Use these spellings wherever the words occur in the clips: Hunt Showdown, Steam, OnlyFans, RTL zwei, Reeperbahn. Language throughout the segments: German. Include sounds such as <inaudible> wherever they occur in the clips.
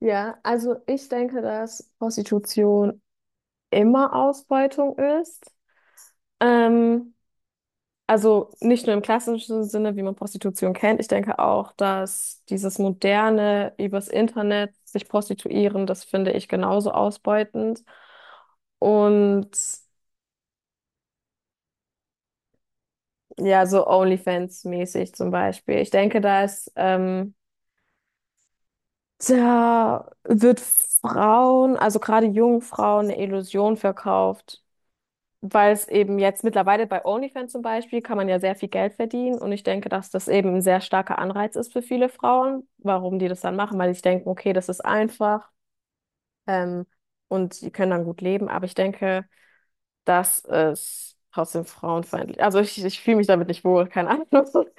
Ja, also ich denke, dass Prostitution immer Ausbeutung ist. Ähm, also nicht nur im klassischen Sinne, wie man Prostitution kennt. Ich denke auch, dass dieses moderne, übers Internet sich prostituieren, das finde ich genauso ausbeutend. Und ja, so OnlyFans-mäßig zum Beispiel. Ich denke, da ist, da wird Frauen, also gerade jungen Frauen, eine Illusion verkauft, weil es eben jetzt mittlerweile bei OnlyFans zum Beispiel kann man ja sehr viel Geld verdienen. Und ich denke, dass das eben ein sehr starker Anreiz ist für viele Frauen, warum die das dann machen, weil ich denke, okay, das ist einfach ähm, und die können dann gut leben, aber ich denke, das ist trotzdem frauenfeindlich. Also ich fühle mich damit nicht wohl, keine Ahnung. <laughs>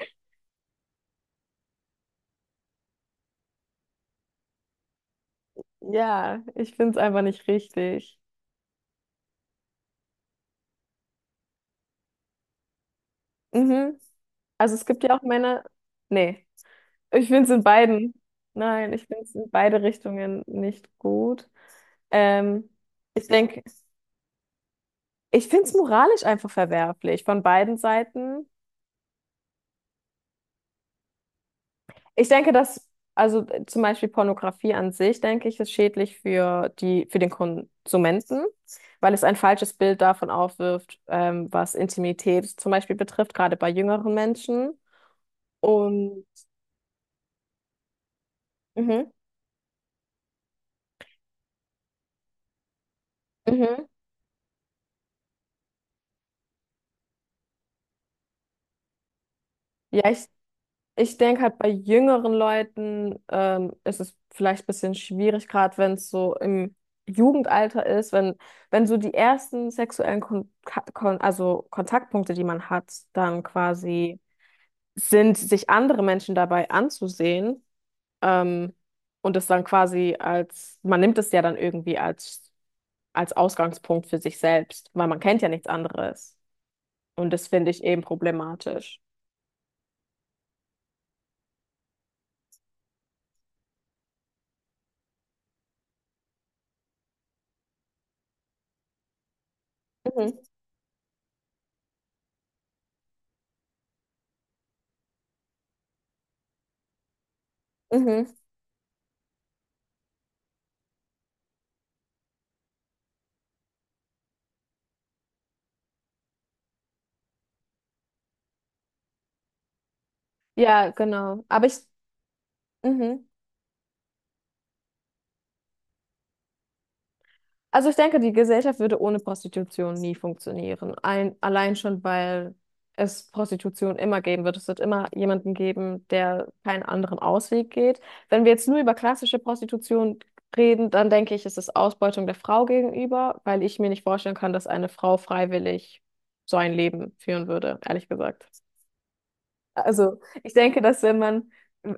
Ja, ich finde es einfach nicht richtig. Mhm. Also es gibt ja auch Männer. Nee, ich finde es in beiden. Nein, ich finde es in beide Richtungen nicht gut. Ähm, Ich denke, ich finde es moralisch einfach verwerflich von beiden Seiten. Ich denke, also zum Beispiel Pornografie an sich, denke ich, ist schädlich für für den Konsumenten, weil es ein falsches Bild davon aufwirft, was Intimität zum Beispiel betrifft, gerade bei jüngeren Menschen. Und mhm, mhm. Ja. Ich denke halt bei jüngeren Leuten ist es vielleicht ein bisschen schwierig, gerade wenn es so im Jugendalter ist, wenn so die ersten sexuellen Kontaktpunkte, die man hat, dann quasi sind, sich andere Menschen dabei anzusehen, ähm, und das dann quasi man nimmt es ja dann irgendwie als Ausgangspunkt für sich selbst, weil man kennt ja nichts anderes. Und das finde ich eben problematisch. Mhm. Mhm. Ja, genau. Aber ich. Mhm. Also ich denke, die Gesellschaft würde ohne Prostitution nie funktionieren. Allein schon, weil es Prostitution immer geben wird. Es wird immer jemanden geben, der keinen anderen Ausweg geht. Wenn wir jetzt nur über klassische Prostitution reden, dann denke ich, ist es Ausbeutung der Frau gegenüber, weil ich mir nicht vorstellen kann, dass eine Frau freiwillig so ein Leben führen würde, ehrlich gesagt. Also ich denke, dass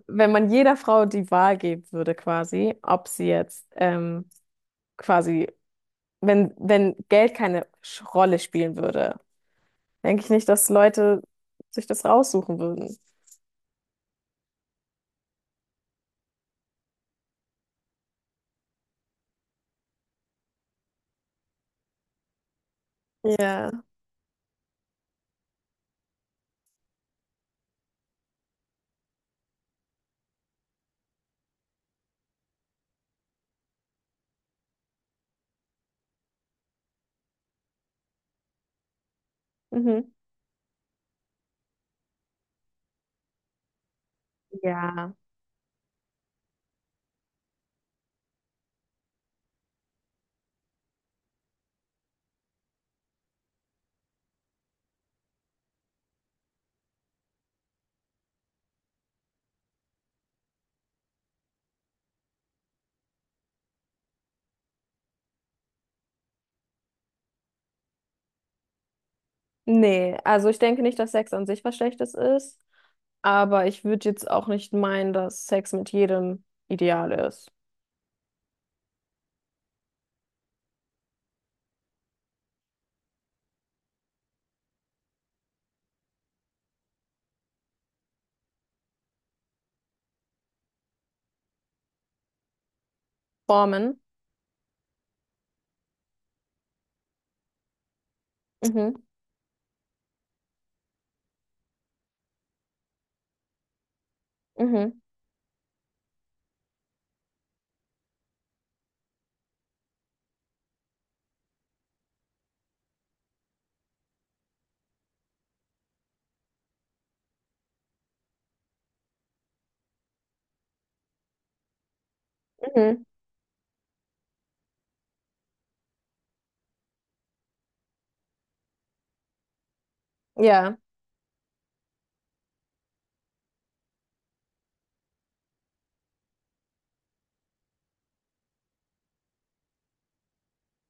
wenn man jeder Frau die Wahl geben würde, quasi, ob sie jetzt quasi wenn Geld keine Rolle spielen würde, denke ich nicht, dass Leute sich das raussuchen würden. Ja. Mhm. Ja. Nee, also ich denke nicht, dass Sex an sich was Schlechtes ist, aber ich würde jetzt auch nicht meinen, dass Sex mit jedem ideal ist. Formen. Mhm, mhm, mhm. Ja,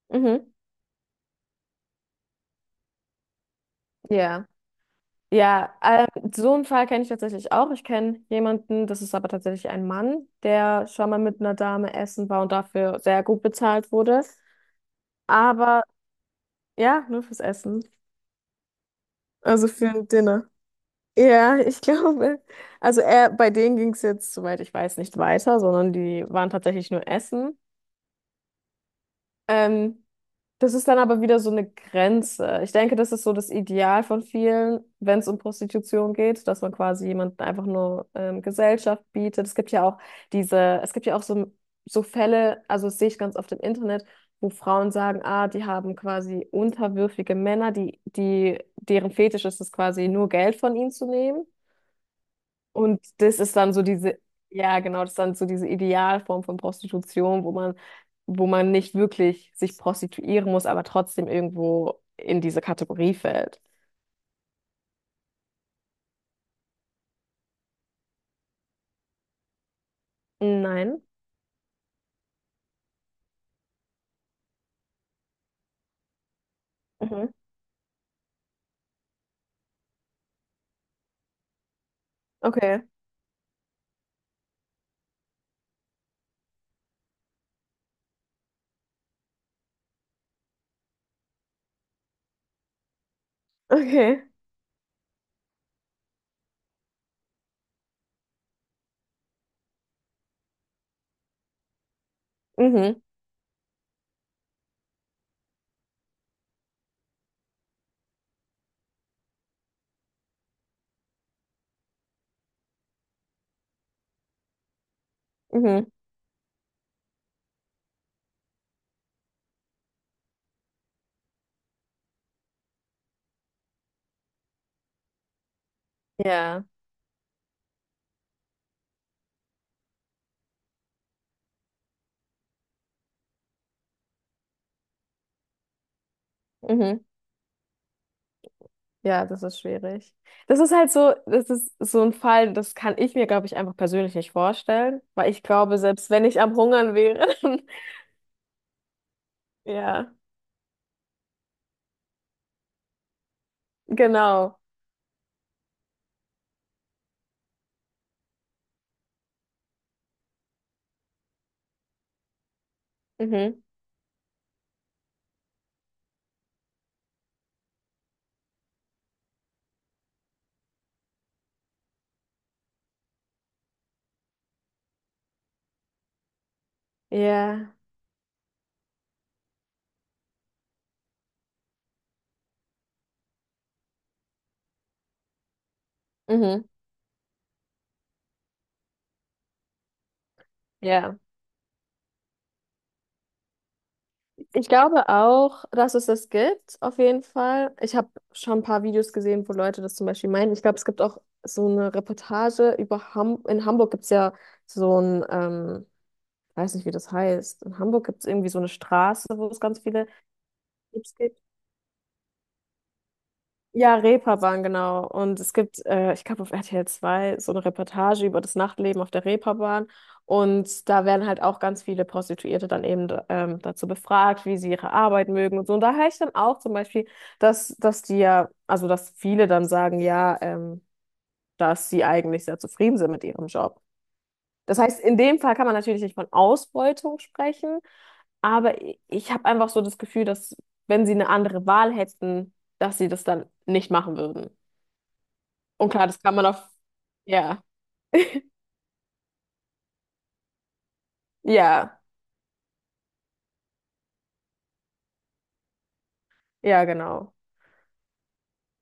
mhm, ja. Ja, so einen Fall kenne ich tatsächlich auch. Ich kenne jemanden, das ist aber tatsächlich ein Mann, der schon mal mit einer Dame essen war und dafür sehr gut bezahlt wurde. Aber ja, nur fürs Essen. Also für ein Dinner. Ja, ich <laughs> glaube. Also er, bei denen ging es jetzt, soweit ich weiß, nicht weiter, sondern die waren tatsächlich nur essen. Ähm, Das ist dann aber wieder so eine Grenze. Ich denke, das ist so das Ideal von vielen, wenn es um Prostitution geht, dass man quasi jemanden einfach nur Gesellschaft bietet. Es gibt ja auch es gibt ja auch so, so Fälle, also das sehe ich ganz oft im Internet, wo Frauen sagen, ah, die haben quasi unterwürfige Männer, deren Fetisch ist es quasi nur Geld von ihnen zu nehmen. Und das ist dann so ja genau, das ist dann so diese Idealform von Prostitution, wo man nicht wirklich sich prostituieren muss, aber trotzdem irgendwo in diese Kategorie fällt. Nein. Mhm. Okay. Okay. Mhm. Mhm. Ja. Mhm. Ja, das ist schwierig. Das ist halt so, das ist so ein Fall, das kann ich mir, glaube ich, einfach persönlich nicht vorstellen, weil ich glaube, selbst wenn ich am Hungern wäre, <laughs> dann, ja, genau. Mhm. Ja. Mhm. Ja. Ich glaube auch, dass es das gibt, auf jeden Fall. Ich habe schon ein paar Videos gesehen, wo Leute das zum Beispiel meinen. Ich glaube, es gibt auch so eine Reportage über Ham in Hamburg. Gibt es ja so ein, ähm, weiß nicht, wie das heißt. In Hamburg gibt es irgendwie so eine Straße, wo es ganz viele Clips gibt. Ja, Reeperbahn, genau. Und es gibt, ich glaube, auf RTL 2 so eine Reportage über das Nachtleben auf der Reeperbahn. Und da werden halt auch ganz viele Prostituierte dann eben dazu befragt, wie sie ihre Arbeit mögen und so. Und da höre ich dann auch zum Beispiel, dass die ja, also dass viele dann sagen, ja, dass sie eigentlich sehr zufrieden sind mit ihrem Job. Das heißt, in dem Fall kann man natürlich nicht von Ausbeutung sprechen, aber ich habe einfach so das Gefühl, dass wenn sie eine andere Wahl hätten, dass sie das dann nicht machen würden. Und klar, das kann man auf, ja, ja, ja, genau.